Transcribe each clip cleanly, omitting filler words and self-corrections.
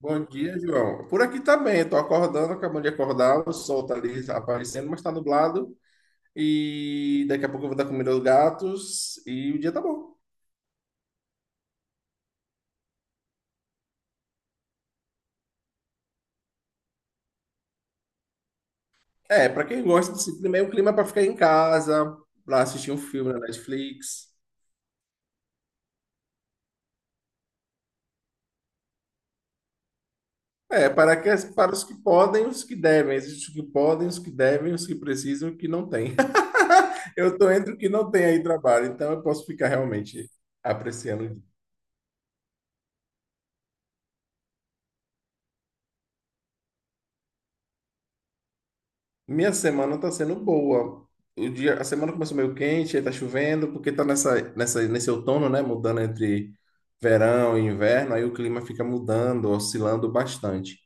Bom dia, João. Por aqui tá bem, estou acordando, acabando de acordar, o sol tá ali aparecendo, mas tá nublado. E daqui a pouco eu vou dar comida aos gatos e o dia tá bom. É, para quem gosta desse clima, é um clima para ficar em casa, para assistir um filme na Netflix. Para os que podem, os que devem. Existem os que podem, os que devem, os que precisam, e os que não têm. Eu tô entre o que não tem aí trabalho, então eu posso ficar realmente apreciando. Minha semana tá sendo boa. A semana começou meio quente, aí tá chovendo, porque tá nesse outono, né? Mudando entre verão e inverno, aí o clima fica mudando, oscilando bastante.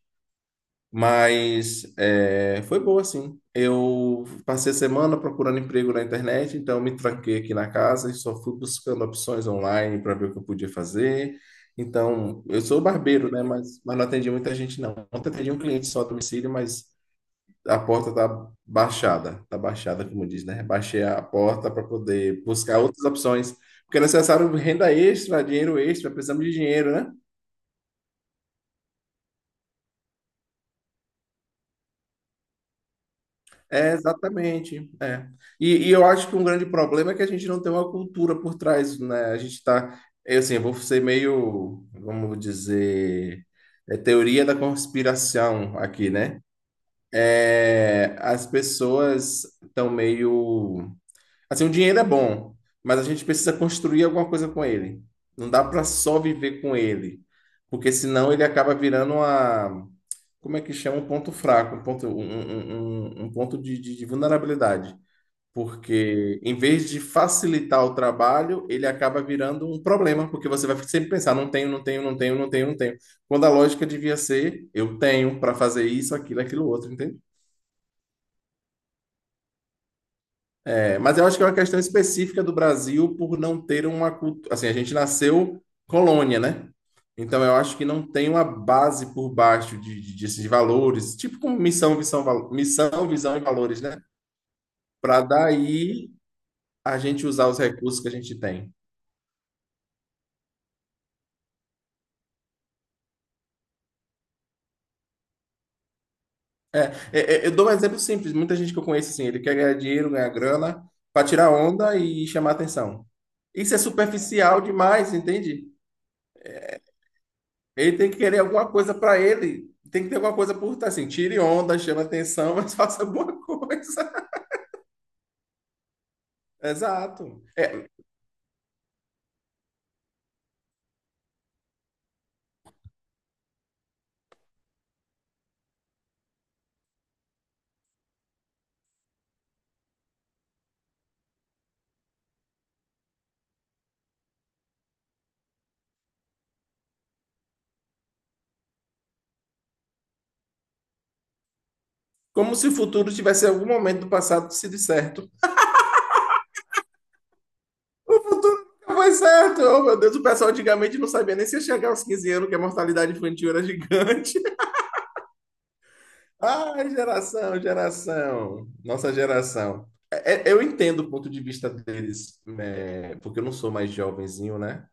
Mas foi boa, sim. Eu passei a semana procurando emprego na internet, então eu me tranquei aqui na casa e só fui buscando opções online para ver o que eu podia fazer. Então, eu sou barbeiro, né? Mas não atendi muita gente, não. Ontem atendi um cliente só a domicílio, mas. A porta tá baixada, como diz, né? Baixei a porta para poder buscar outras opções, porque é necessário renda extra, dinheiro extra, precisamos de dinheiro, né? É, exatamente. É. E eu acho que um grande problema é que a gente não tem uma cultura por trás, né? A gente está, eu, assim, eu vou ser meio, vamos dizer, teoria da conspiração aqui, né? É, as pessoas estão meio. Assim, o dinheiro é bom, mas a gente precisa construir alguma coisa com ele. Não dá para só viver com ele, porque senão ele acaba virando uma, como é que chama? Um ponto fraco, um ponto, um ponto de vulnerabilidade. Porque em vez de facilitar o trabalho, ele acaba virando um problema, porque você vai sempre pensar, não tenho, não tenho, não tenho, não tenho, não tenho. Quando a lógica devia ser, eu tenho para fazer isso, aquilo, aquilo, outro, entende? É, mas eu acho que é uma questão específica do Brasil por não ter uma cultura. Assim, a gente nasceu colônia, né? Então eu acho que não tem uma base por baixo de valores, tipo como missão, visão, missão, visão e valores, né? Para daí a gente usar os recursos que a gente tem. Eu dou um exemplo simples. Muita gente que eu conheço assim, ele quer ganhar dinheiro, ganhar grana, para tirar onda e chamar atenção. Isso é superficial demais, entende? Ele tem que querer alguma coisa para ele. Tem que ter alguma coisa por tá assim, tire onda, chame atenção, mas faça alguma coisa. Exato. É como se o futuro tivesse algum momento do passado sido certo. O futuro nunca foi certo. Oh, meu Deus, o pessoal antigamente não sabia nem se ia chegar aos 15 anos, que a mortalidade infantil era gigante. Ai, geração, geração. Nossa geração. Eu entendo o ponto de vista deles, né, porque eu não sou mais jovenzinho, né?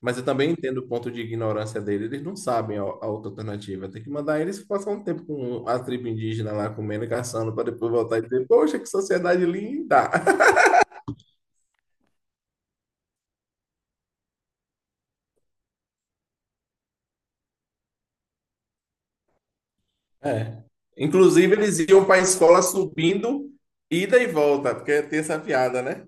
Mas eu também entendo o ponto de ignorância dele. Eles não sabem a outra alternativa. Tem que mandar eles passar um tempo com a tribo indígena lá comendo e caçando para depois voltar e dizer: poxa, que sociedade linda! É. Inclusive, eles iam para a escola subindo, ida e volta, porque tem essa piada, né?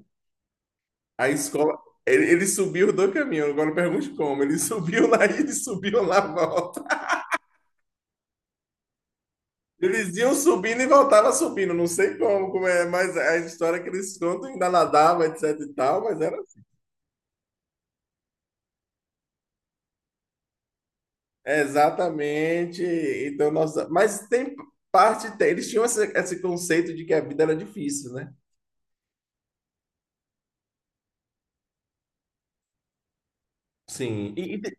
A escola. Ele subiu os dois caminhos, agora pergunte como. Ele subiu na ida e subiu na volta. Eles iam subindo e voltavam subindo, não sei como, como é, mas é a história que eles contam ainda nadava, etc e tal, mas era. Exatamente. Então, nossa, mas tem parte, eles tinham esse, esse conceito de que a vida era difícil, né? Sim.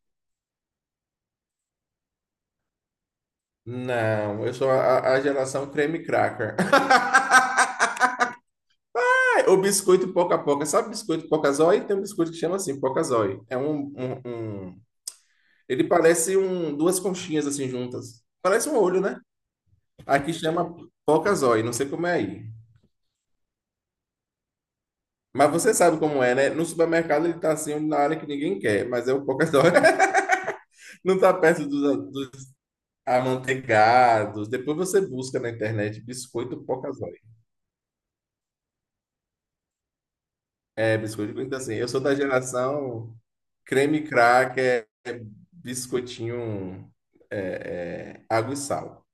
Não, eu sou a geração creme cracker. O biscoito poca poca, sabe biscoito poca zói? Tem um biscoito que chama assim, poca zói. É um- ele parece um duas conchinhas assim juntas. Parece um olho, né? Aqui chama poca zói, não sei como é aí. Mas você sabe como é, né? No supermercado ele tá assim na área que ninguém quer, mas é o poca zói. Não está perto dos amanteigados. Depois você busca na internet biscoito pocazói. É, biscoito então, assim. Eu sou da geração creme cracker, biscoitinho, água e sal.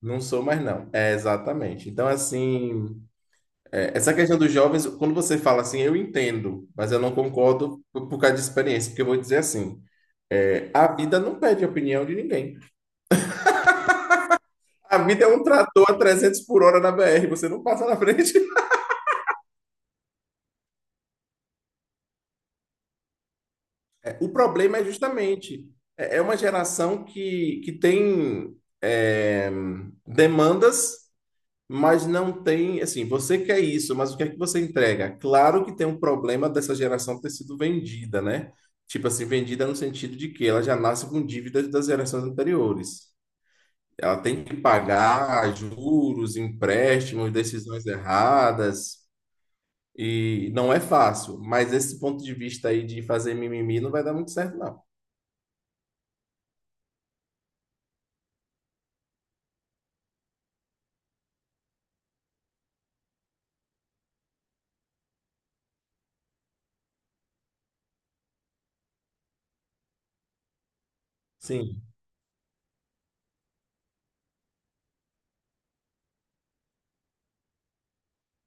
Não sou mais, não. É, exatamente. Então, assim, essa questão dos jovens, quando você fala assim, eu entendo, mas eu não concordo por causa de experiência, porque eu vou dizer assim, a vida não pede opinião de ninguém. A vida é um trator a 300 por hora na BR, você não passa na frente. O problema é justamente, é uma geração que tem é, demandas, mas não tem, assim, você quer isso, mas o que é que você entrega? Claro que tem um problema dessa geração ter sido vendida, né? Tipo assim, vendida no sentido de que ela já nasce com dívidas das gerações anteriores. Ela tem que pagar juros, empréstimos, decisões erradas, e não é fácil, mas esse ponto de vista aí de fazer mimimi não vai dar muito certo, não. Sim.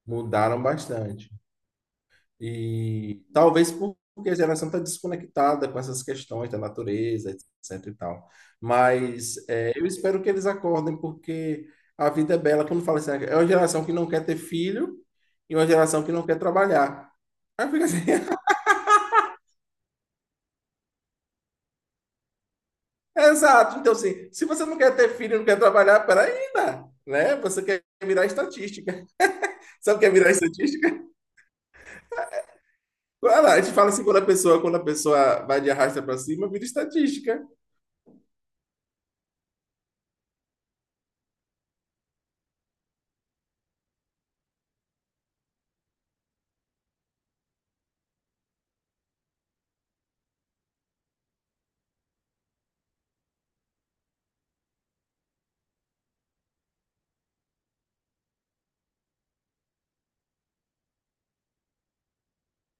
Mudaram bastante. E talvez porque a geração está desconectada com essas questões da natureza, etc e tal. Mas é, eu espero que eles acordem, porque a vida é bela. Quando fala assim, "Ah, é uma geração que não quer ter filho e uma geração que não quer trabalhar." Aí fica assim, exato. Então, assim, se você não quer ter filho e não quer trabalhar, peraí, né? Né? Você quer virar estatística. Sabe o que é virar estatística? Olha lá, a gente fala assim, quando a pessoa vai de arrasta para cima, vira estatística.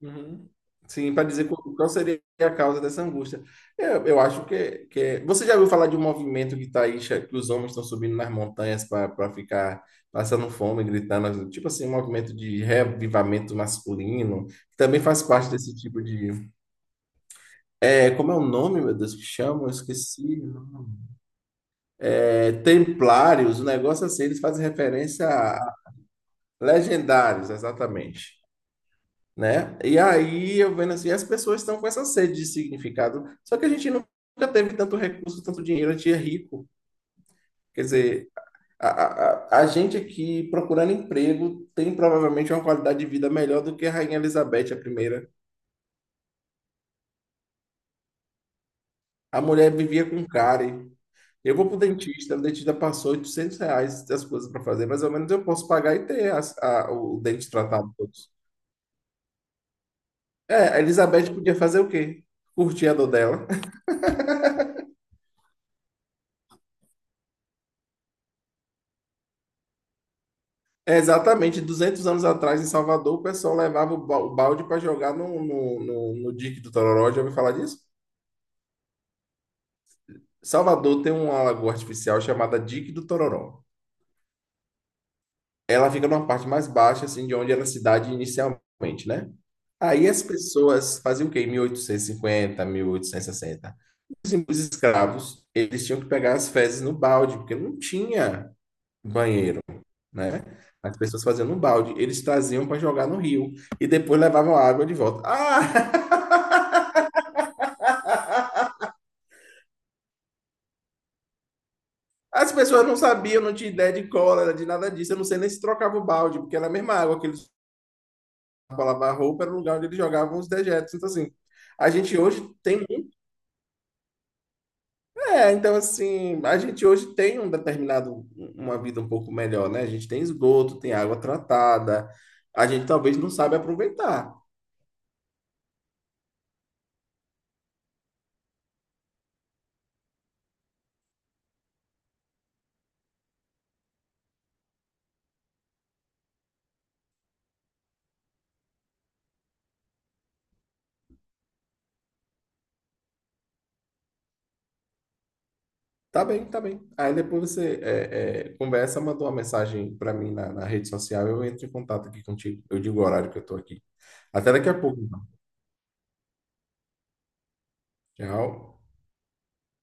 Uhum. Sim, para dizer qual seria a causa dessa angústia. Eu acho que você já ouviu falar de um movimento que tá aí, que os homens estão subindo nas montanhas para ficar passando fome, gritando, tipo assim, um movimento de reavivamento masculino, que também faz parte desse tipo de. É, como é o nome, meu Deus, que chamam? Eu esqueci. É, templários, o negócio assim, eles fazem referência. Legendários, exatamente. Né? E aí eu vendo assim, as pessoas estão com essa sede de significado, só que a gente nunca teve tanto recurso, tanto dinheiro, a gente é rico. Quer dizer, a, a gente aqui procurando emprego tem provavelmente uma qualidade de vida melhor do que a Rainha Elizabeth, a primeira. A mulher vivia com cárie. Eu vou pro dentista, o dentista passou R$ 800 das coisas para fazer, mais ou menos eu posso pagar e ter o dente tratado todos. É, a Elizabeth podia fazer o quê? Curtir a dor dela. É, exatamente, 200 anos atrás em Salvador, o pessoal levava o o balde para jogar no Dique do Tororó. Já ouviu falar disso? Salvador tem uma lagoa artificial chamada Dique do Tororó. Ela fica numa parte mais baixa, assim, de onde era a cidade inicialmente, né? Aí as pessoas faziam o quê? Em 1850, 1860, escravos, eles tinham que pegar as fezes no balde, porque não tinha banheiro, né? As pessoas faziam no balde, eles traziam para jogar no rio e depois levavam a água de volta. Ah! As pessoas não sabiam, não tinha ideia de cólera, de nada disso. Eu não sei nem se trocava o balde, porque era a mesma água que eles lavavam a roupa, era o lugar onde eles jogavam os dejetos. Então, assim, a gente hoje tem. Um, é, então, assim, a gente hoje tem um determinado. Uma vida um pouco melhor, né? A gente tem esgoto, tem água tratada. A gente talvez não sabe aproveitar. Tá bem, tá bem. Aí depois você conversa, mandou uma mensagem para mim na rede social, eu entro em contato aqui contigo. Eu digo o horário que eu tô aqui. Até daqui a pouco, então. Tchau.